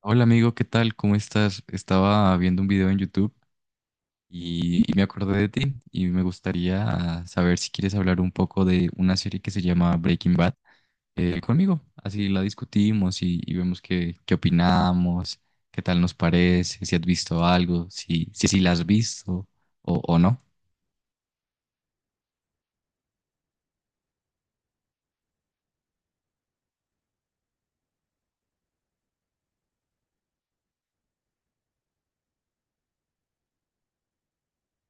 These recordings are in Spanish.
Hola amigo, ¿qué tal? ¿Cómo estás? Estaba viendo un video en YouTube y me acordé de ti y me gustaría saber si quieres hablar un poco de una serie que se llama Breaking Bad conmigo. Así la discutimos y vemos qué opinamos, qué tal nos parece, si has visto algo, si la has visto o no.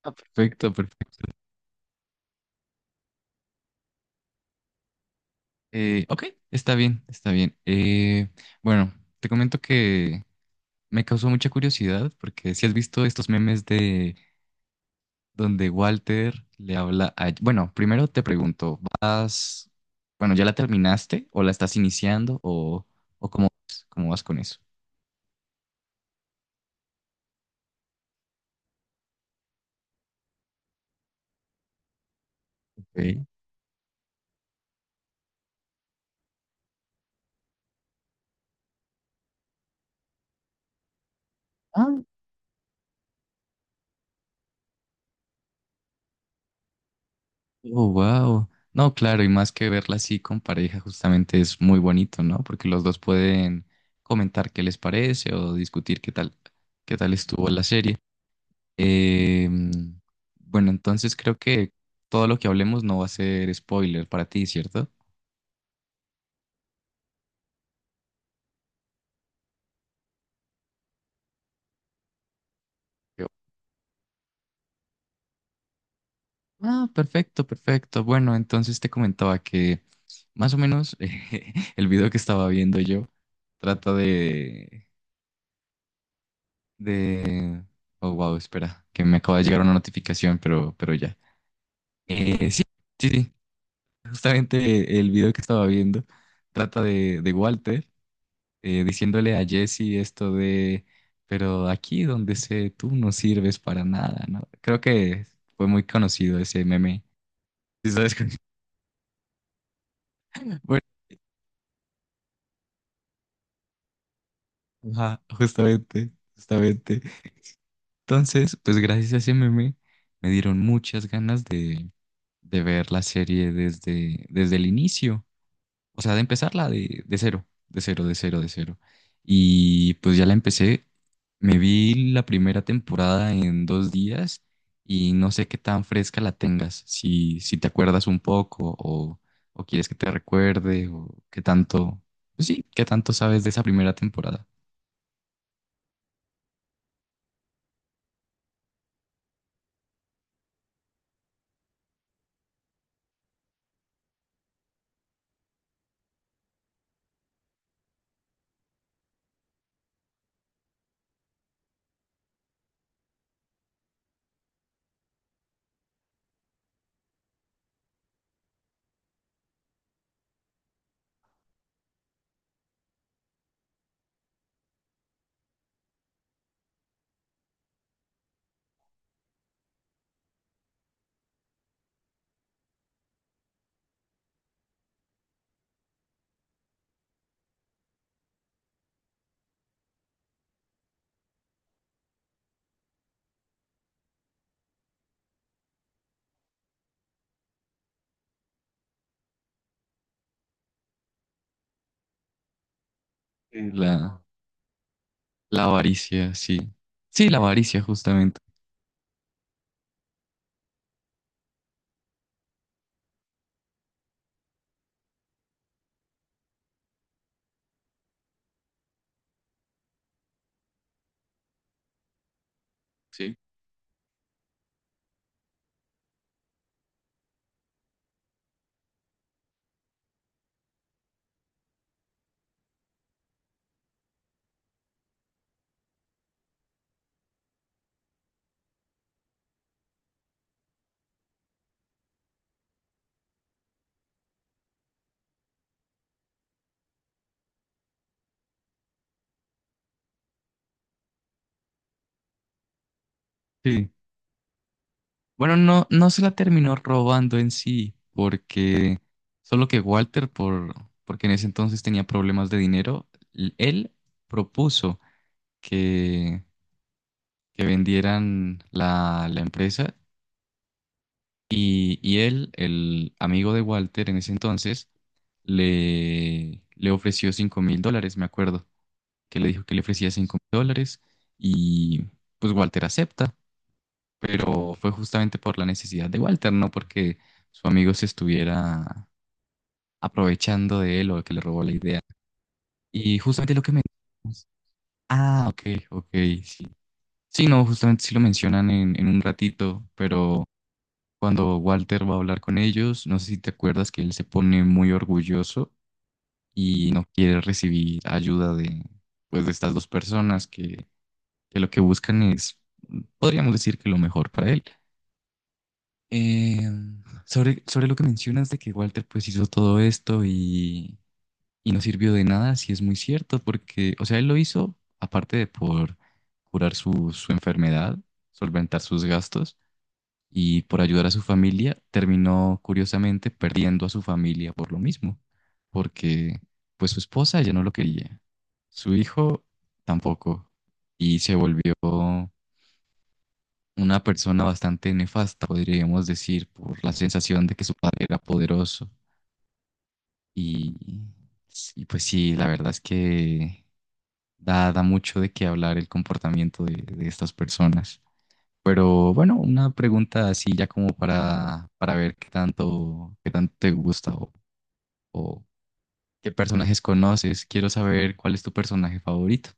Ah, perfecto, perfecto. Ok, está bien, está bien. Bueno, te comento que me causó mucha curiosidad porque si has visto estos memes de donde Walter le habla a... Bueno, primero te pregunto, ¿vas... Bueno, ¿ya la terminaste o la estás iniciando o cómo, cómo vas con eso? Ok. Ah, oh, wow. No, claro, y más que verla así con pareja, justamente es muy bonito, ¿no? Porque los dos pueden comentar qué les parece o discutir qué tal estuvo la serie. Eh, bueno, entonces creo que todo lo que hablemos no va a ser spoiler para ti, ¿cierto? Ah, perfecto, perfecto. Bueno, entonces te comentaba que más o menos el video que estaba viendo yo trata de... Oh, wow, espera, que me acaba de llegar una notificación, pero ya. Sí, sí. Justamente el video que estaba viendo trata de Walter diciéndole a Jesse esto de, pero aquí donde sé tú no sirves para nada, ¿no? Creo que fue muy conocido ese meme. ¿Sí sabes? Ajá, justamente, justamente. Entonces, pues gracias a ese meme me dieron muchas ganas de ver la serie desde el inicio. O sea, de empezarla de cero, de cero, de cero, de cero. Y pues ya la empecé. Me vi la primera temporada en 2 días y no sé qué tan fresca la tengas, si te acuerdas un poco o quieres que te recuerde o qué tanto, pues sí, qué tanto sabes de esa primera temporada. La... La avaricia, sí. Sí, la avaricia, justamente. Sí. Sí. Bueno, no, no se la terminó robando en sí, porque solo que Walter, porque en ese entonces tenía problemas de dinero, él propuso que, que vendieran la empresa y él, el amigo de Walter en ese entonces, le ofreció $5,000, me acuerdo, que le dijo que le ofrecía $5,000 y pues Walter acepta. Pero fue justamente por la necesidad de Walter, no porque su amigo se estuviera aprovechando de él o que le robó la idea. Y justamente lo que mencionas. Ah, ok, ok, sí. Sí, no, justamente sí lo mencionan en un ratito, pero cuando Walter va a hablar con ellos, no sé si te acuerdas que él se pone muy orgulloso y no quiere recibir ayuda de, pues, de estas dos personas que lo que buscan es, podríamos decir que lo mejor para él. Eh, sobre lo que mencionas de que Walter pues hizo todo esto y y no sirvió de nada, sí es muy cierto, porque, o sea, él lo hizo aparte de por curar su enfermedad, solventar sus gastos y por ayudar a su familia, terminó curiosamente perdiendo a su familia por lo mismo, porque pues su esposa ya no lo quería, su hijo tampoco, y se volvió una persona bastante nefasta, podríamos decir, por la sensación de que su padre era poderoso. Y, y pues sí, la verdad es que da, da mucho de qué hablar el comportamiento de estas personas. Pero bueno, una pregunta así ya como para ver qué tanto te gusta o qué personajes conoces. Quiero saber cuál es tu personaje favorito.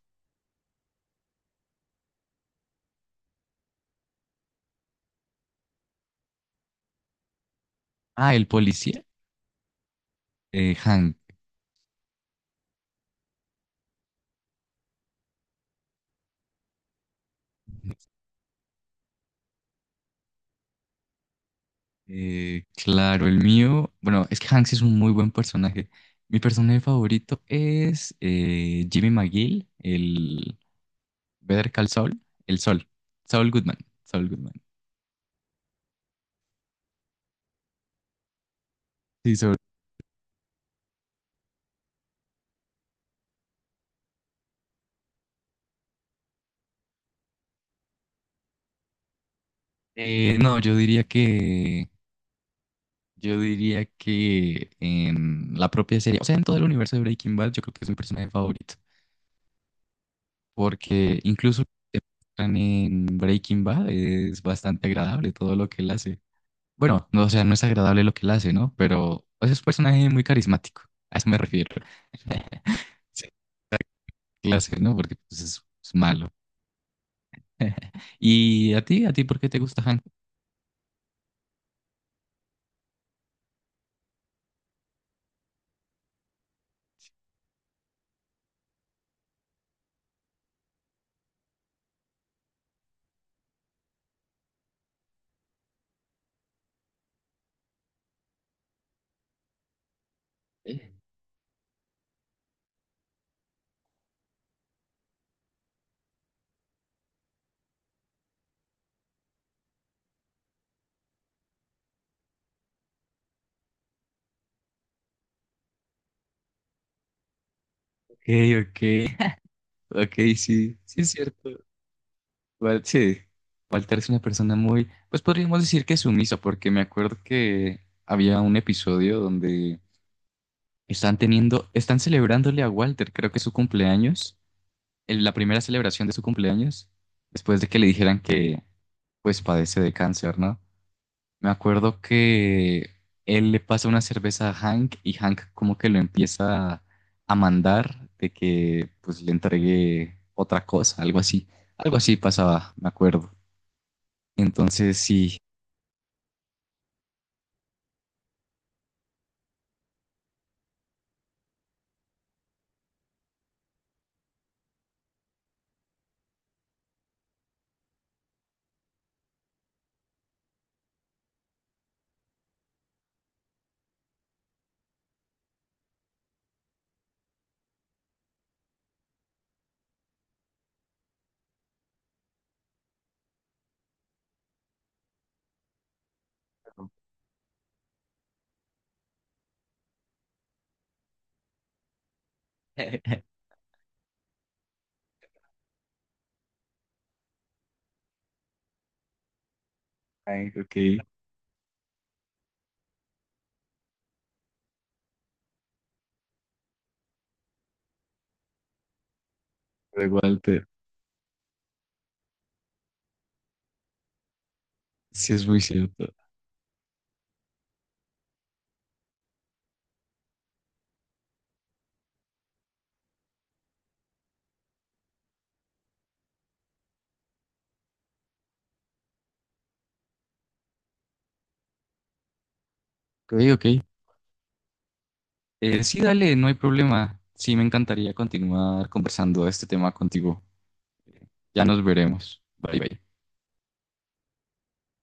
Ah, el policía, Hank. Claro, el mío, bueno, es que Hanks es un muy buen personaje. Mi personaje favorito es Jimmy McGill, el Better Call Saul, el Sol, Saul Goodman, Saul Goodman. Sí, Saul. No, yo diría que en la propia serie, o sea, en todo el universo de Breaking Bad, yo creo que es mi personaje favorito, porque incluso lo que muestran en Breaking Bad es bastante agradable todo lo que él hace. Bueno, no, o sea, no es agradable lo que él hace, ¿no? Pero o es un personaje muy carismático, a eso me refiero. Sí. Clase, ¿no? Porque pues, es malo. ¿Y a ti? ¿A ti por qué te gusta Han? Ok, ok, ok, sí, sí es cierto. Sí, Walter es una persona muy, pues podríamos decir que sumisa, porque me acuerdo que había un episodio donde están teniendo, están celebrándole a Walter, creo que es su cumpleaños, la primera celebración de su cumpleaños, después de que le dijeran que pues padece de cáncer, ¿no? Me acuerdo que él le pasa una cerveza a Hank y Hank como que lo empieza a mandar de que pues le entregue otra cosa, algo así. Algo así pasaba, me acuerdo. Entonces sí, Hank, ok, de Walter, sí es muy cierto. Ok, ok. Sí, dale, no hay problema. Sí, me encantaría continuar conversando este tema contigo. Ya nos veremos. Bye, bye.